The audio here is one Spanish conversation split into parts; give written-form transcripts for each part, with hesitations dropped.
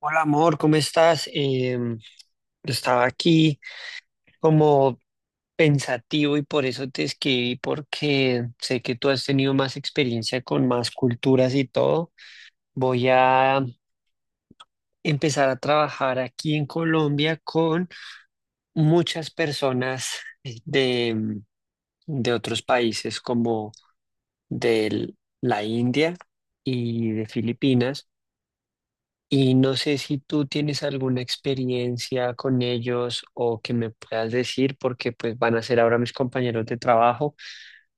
Hola amor, ¿cómo estás? Yo estaba aquí como pensativo y por eso te escribí, porque sé que tú has tenido más experiencia con más culturas y todo. Voy a empezar a trabajar aquí en Colombia con muchas personas de, de otros países como de la India y de Filipinas. Y no sé si tú tienes alguna experiencia con ellos o que me puedas decir, porque pues van a ser ahora mis compañeros de trabajo.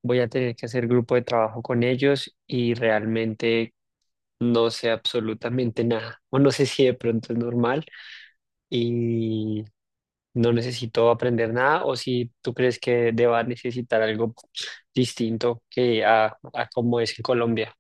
Voy a tener que hacer grupo de trabajo con ellos y realmente no sé absolutamente nada. O no sé si de pronto es normal y no necesito aprender nada o si tú crees que deba necesitar algo distinto que a como es en Colombia.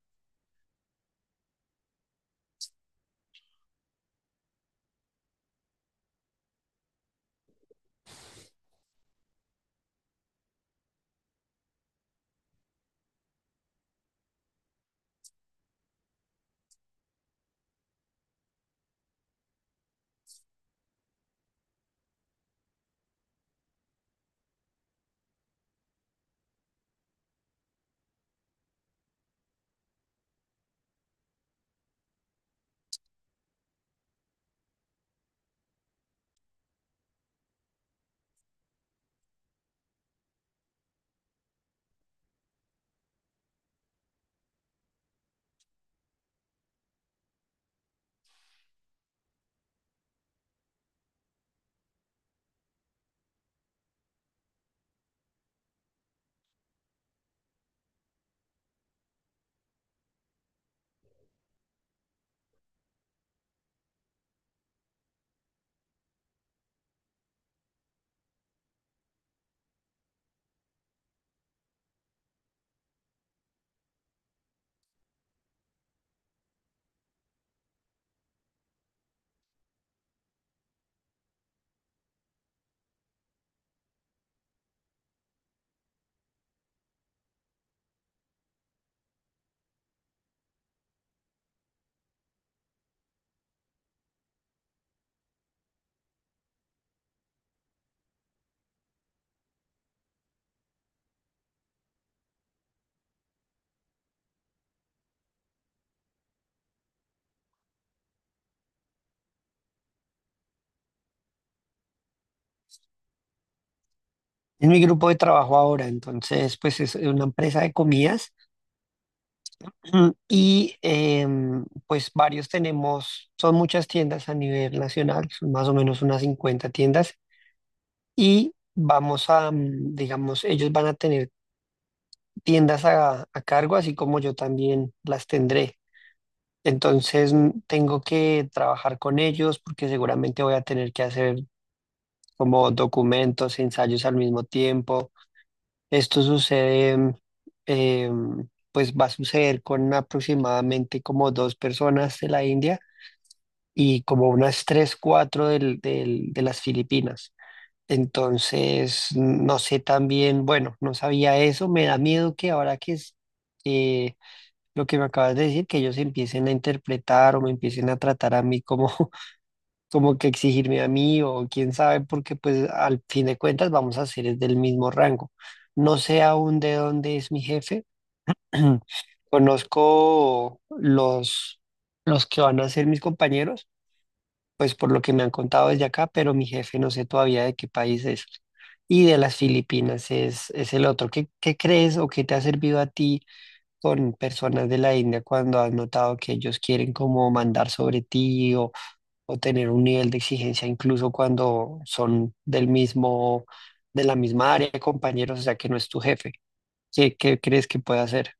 Es mi grupo de trabajo ahora, entonces pues es una empresa de comidas. Y pues varios tenemos, son muchas tiendas a nivel nacional, son más o menos unas 50 tiendas y vamos a, digamos, ellos van a tener tiendas a cargo, así como yo también las tendré. Entonces tengo que trabajar con ellos porque seguramente voy a tener que hacer como documentos, ensayos al mismo tiempo. Esto sucede, pues va a suceder con aproximadamente como dos personas de la India y como unas tres, cuatro de las Filipinas. Entonces, no sé también, bueno, no sabía eso, me da miedo que ahora que es eh, lo que me acabas de decir, que ellos empiecen a interpretar o me empiecen a tratar a mí como, como que exigirme a mí o quién sabe, porque pues al fin de cuentas vamos a ser es del mismo rango. No sé aún de dónde es mi jefe. Conozco los que van a ser mis compañeros pues por lo que me han contado desde acá, pero mi jefe no sé todavía de qué país es. Y de las Filipinas es el otro. Qué crees o qué te ha servido a ti con personas de la India cuando has notado que ellos quieren como mandar sobre ti o tener un nivel de exigencia incluso cuando son del mismo, de la misma área, compañeros, o sea que no es tu jefe? Qué crees que puede hacer?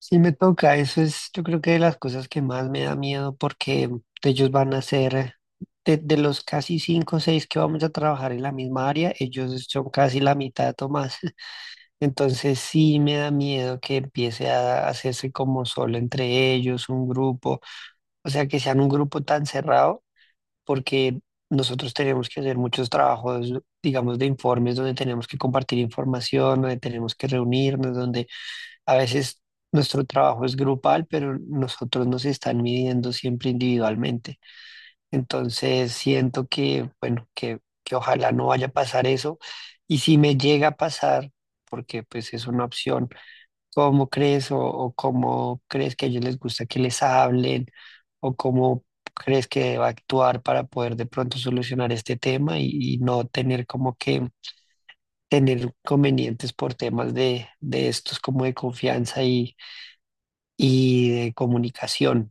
Sí me toca, eso es yo creo que de las cosas que más me da miedo porque ellos van a ser, de los casi cinco o seis que vamos a trabajar en la misma área, ellos son casi la mitad o más. Entonces sí me da miedo que empiece a hacerse como solo entre ellos, un grupo, o sea, que sean un grupo tan cerrado porque nosotros tenemos que hacer muchos trabajos, digamos, de informes donde tenemos que compartir información, donde tenemos que reunirnos, donde a veces nuestro trabajo es grupal, pero nosotros nos están midiendo siempre individualmente. Entonces siento que, bueno, que ojalá no vaya a pasar eso. Y si me llega a pasar, porque pues es una opción, ¿cómo crees o cómo crees que a ellos les gusta que les hablen o cómo crees que deba actuar para poder de pronto solucionar este tema y no tener como que tener convenientes por temas de estos como de confianza y de comunicación.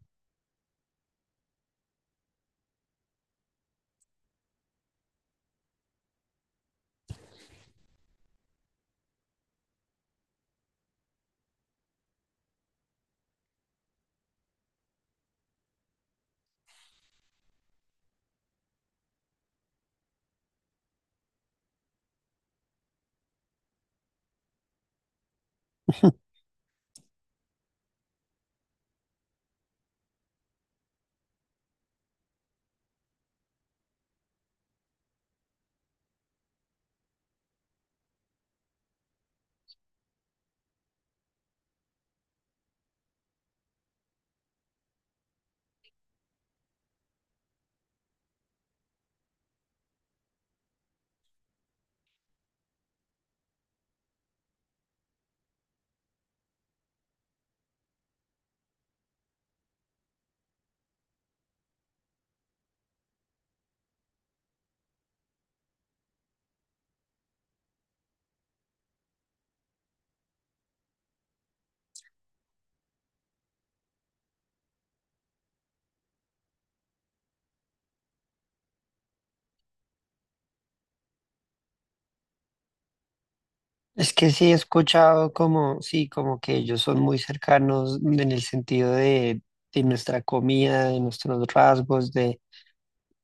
Es que sí he escuchado como, sí, como que ellos son muy cercanos en el sentido de nuestra comida, de nuestros rasgos, de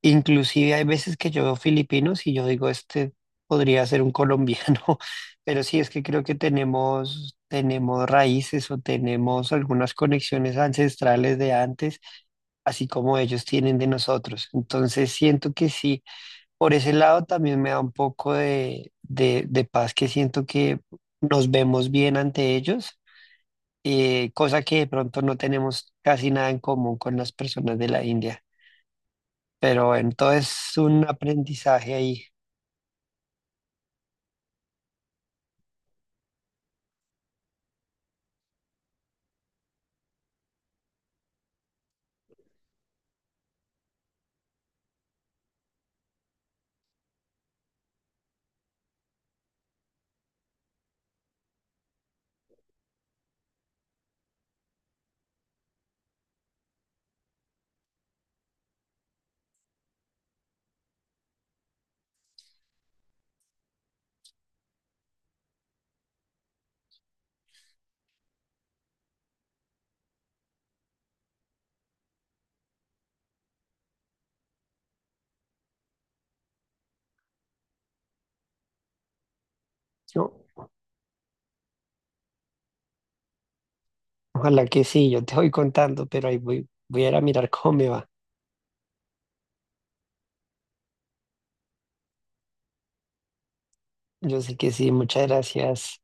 inclusive hay veces que yo veo filipinos y yo digo, este podría ser un colombiano, pero sí es que creo que tenemos raíces o tenemos algunas conexiones ancestrales de antes así como ellos tienen de nosotros. Entonces siento que sí, por ese lado también me da un poco de- paz que siento que nos vemos bien ante ellos, cosa que de pronto no tenemos casi nada en común con las personas de la India. Pero bueno, todo es un aprendizaje ahí. Yo- Ojalá que sí, yo te voy contando, pero ahí voy a ir a mirar cómo me va. Yo sé que sí, muchas gracias.